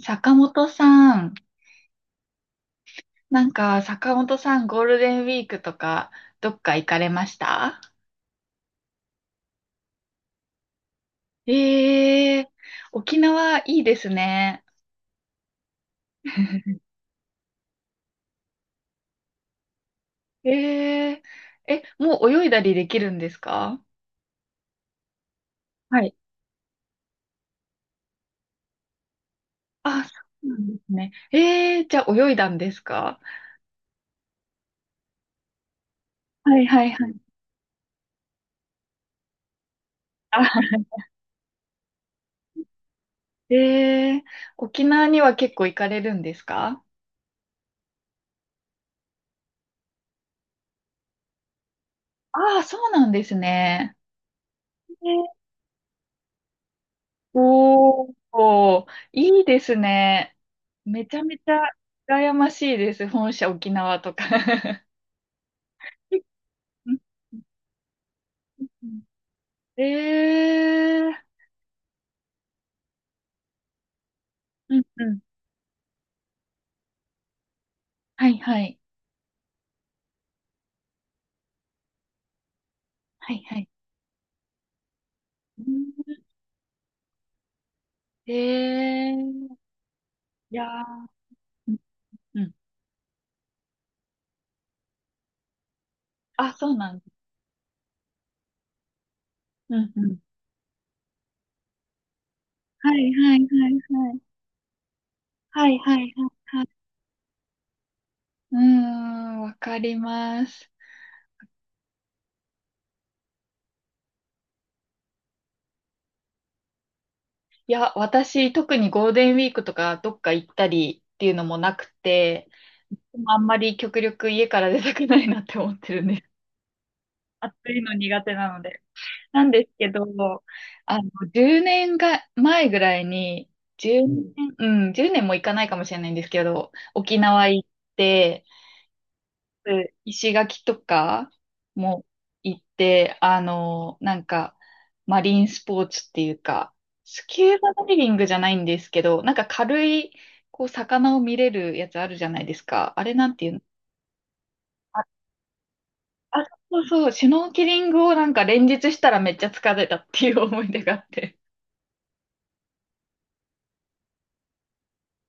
坂本さん、なんか坂本さんゴールデンウィークとかどっか行かれました？ええー、沖縄いいですね。ええー、え、もう泳いだりできるんですか？はい。あ、そうなんですね。ええー、じゃあ泳いだんですか？はいはいはい。あ、ええー、沖縄には結構行かれるんですか？ああー、そうなんですね。おお、いいですね。めちゃめちゃ羨ましいです。本社沖縄とか。うんうん、ええ、うんうん。はいはい。はいはい。うん、ええ、いやー、うんうん。あ、そうなんです。うんうん。はいはいはいはい。はいはいはいはい。うーん、わかります。いや、私、特にゴールデンウィークとかどっか行ったりっていうのもなくて、でもあんまり極力家から出たくないなって思ってるんです。暑いの苦手なので。なんですけど、10年が前ぐらいに、10うねん。年、うん、10年も行かないかもしれないんですけど、沖縄行って、うん、石垣とかも行って、なんか、マリンスポーツっていうか、スキューバダイビングじゃないんですけど、なんか軽い、こう、魚を見れるやつあるじゃないですか。あれなんていうの？あ、そうそう、シュノーケリングをなんか連日したらめっちゃ疲れたっていう思い出があって。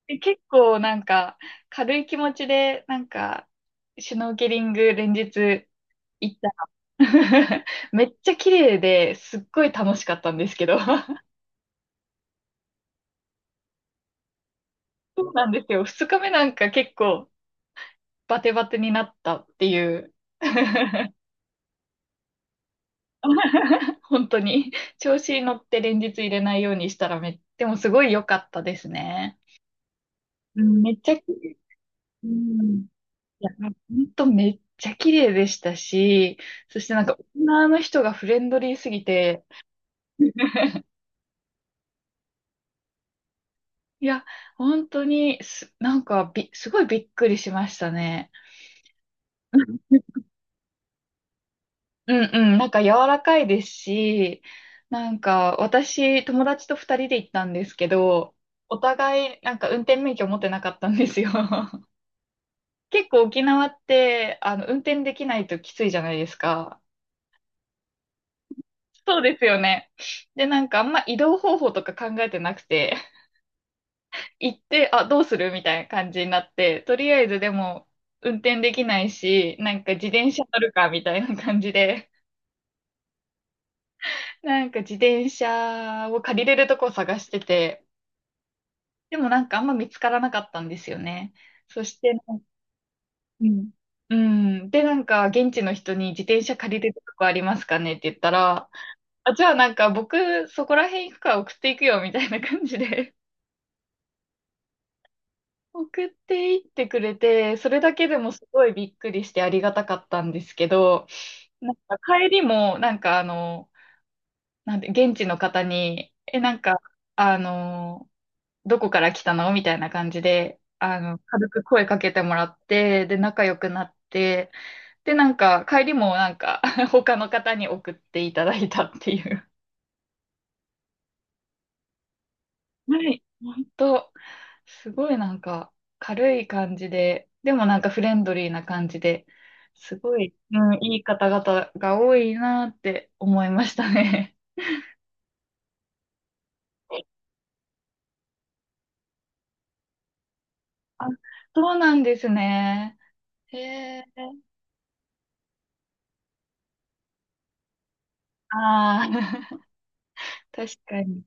で結構なんか軽い気持ちでなんかシュノーケリング連日行った。めっちゃ綺麗ですっごい楽しかったんですけど そうなんですよ。二日目なんか結構バテバテになったっていう 本当に調子に乗って連日入れないようにしたらめ、でもすごい良かったですね。うん、めっちゃ綺麗、うん、いや、ほんとめっちゃ綺麗でしたし、そしてなんか、オの人がフレンドリーすぎて、いや、本当になんかすごいびっくりしましたね。うんうん、なんか柔らかいですし、なんか私、友達と二人で行ったんですけど、お互いなんか運転免許持ってなかったんですよ。結構沖縄って、運転できないときついじゃないですか。そうですよね。で、なんかあんま移動方法とか考えてなくて、行って、あ、どうするみたいな感じになって、とりあえずでも運転できないし、なんか自転車乗るかみたいな感じで、なんか自転車を借りれるとこを探してて、でもなんかあんま見つからなかったんですよね。そして、なんうん。うん。で、なんか、現地の人に自転車借りれるとこありますかねって言ったら、あ、じゃあなんか僕そこら辺行くから送っていくよみたいな感じで送っていってくれて、それだけでもすごいびっくりしてありがたかったんですけど、なんか帰りも、なんかあの、なんて、現地の方に、え、なんか、あの、どこから来たのみたいな感じで、あの、軽く声かけてもらって、で、仲良くなって、で、なんか、帰りもなんか、他の方に送っていただいたっていう。はい、本当、すごいなんか軽い感じで、でもなんかフレンドリーな感じで、すごい、うん、いい方々が多いなって思いましたね。あ、そうなんですね。へえ、ああ、確かに。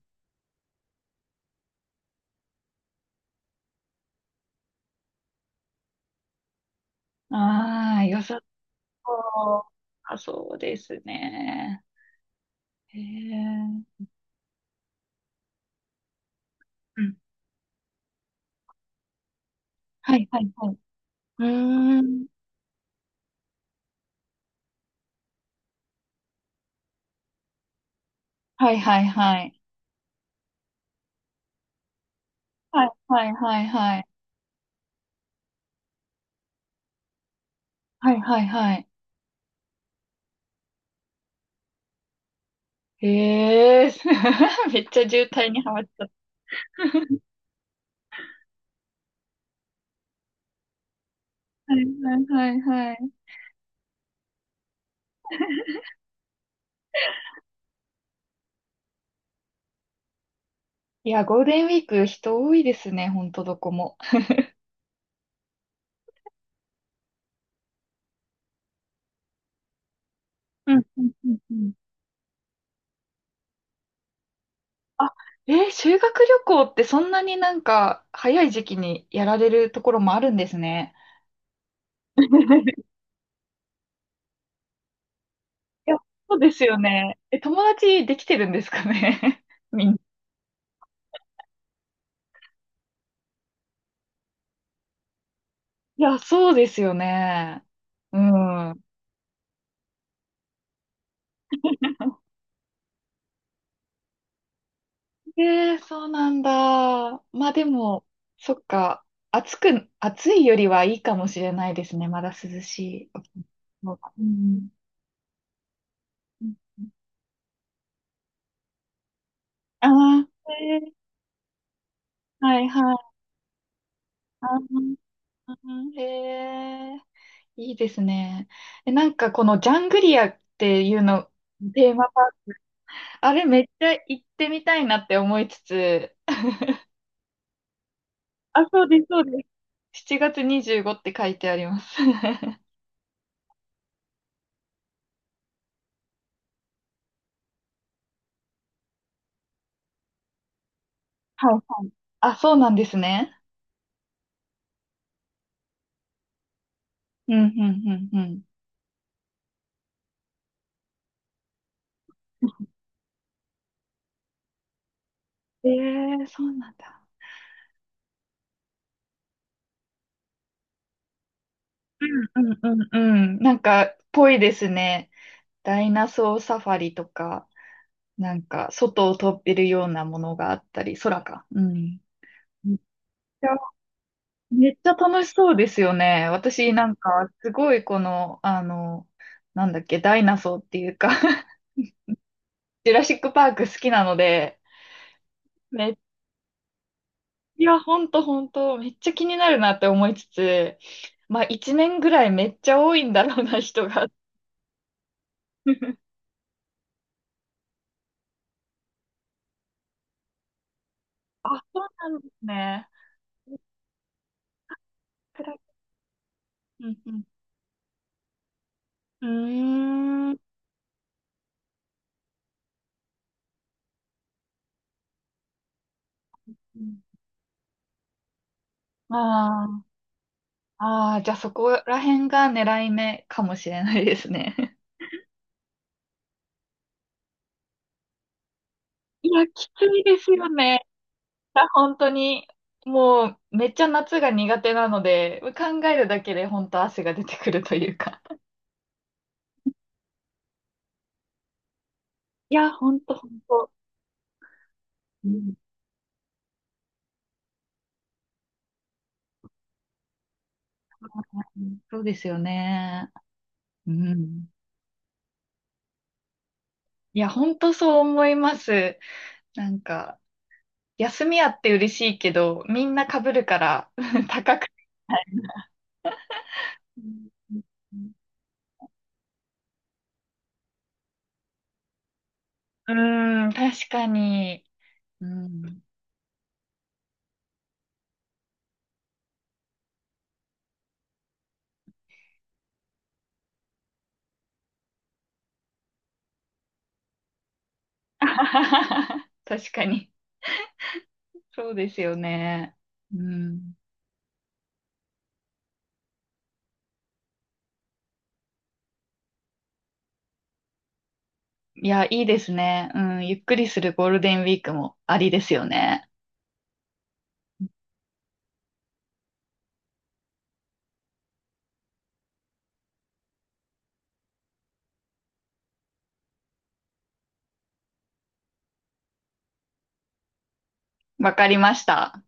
ああ、良さそう。あ、そうですね。へえ、うん。はい、はい、はい。うーん。はい、はい、はい。はい、はい、はい、はい。はい、はい、はい。ええー めっちゃ渋滞にはまっちゃった。はいはいはいはい。いや、ゴールデンウィーク人多いですね、ほんとどこも。うんうんうんうん。えー修学旅行ってそんなになんか早い時期にやられるところもあるんですね。いや、そうですよね。え、友達できてるんですかね みんな。いや、そうですよね。うん。ええ、そうなんだ。まあでも、そっか。暑く、暑いよりはいいかもしれないですね。まだ涼しい。もう、うん。うん、ああ、ええ、はいはい。ああ、へえ、いいですね。え、なんかこのジャングリアっていうの、テーマパーク、あれめっちゃ行ってみたいなって思いつつ、あ、そうです、そうです。7月25って書いてあります。はいはい。あ、そうなんですね。うん、うん、うん、うん。ええ、そうなんだ。うんうんうんうん。なんか、ぽいですね。ダイナソーサファリとか、なんか、外を飛べるようなものがあったり、空か。うん。めっちゃ、めっちゃ楽しそうですよね。私なんか、すごいこの、あの、なんだっけ、ダイナソーっていうか ジュラシックパーク好きなので、めっいや、ほんとほんと、めっちゃ気になるなって思いつつ、まあ、一年ぐらいめっちゃ多いんだろうな、人が あ、そうなんですね。暗い、うんうん。うーん。あー、あー、じゃあそこら辺が狙い目かもしれないですね。いや、きついですよね。いや本当に、もう、めっちゃ夏が苦手なので、考えるだけで本当汗が出てくるというか。いや、本当本当。うん、そうですよね。うん。いや、本当そう思います。なんか、休みあって嬉しいけど、みんな被るから 高くない。うん、うん確かに。うん。確かに。そうですよね。うん。いや、いいですね。うん。ゆっくりするゴールデンウィークもありですよね。わかりました。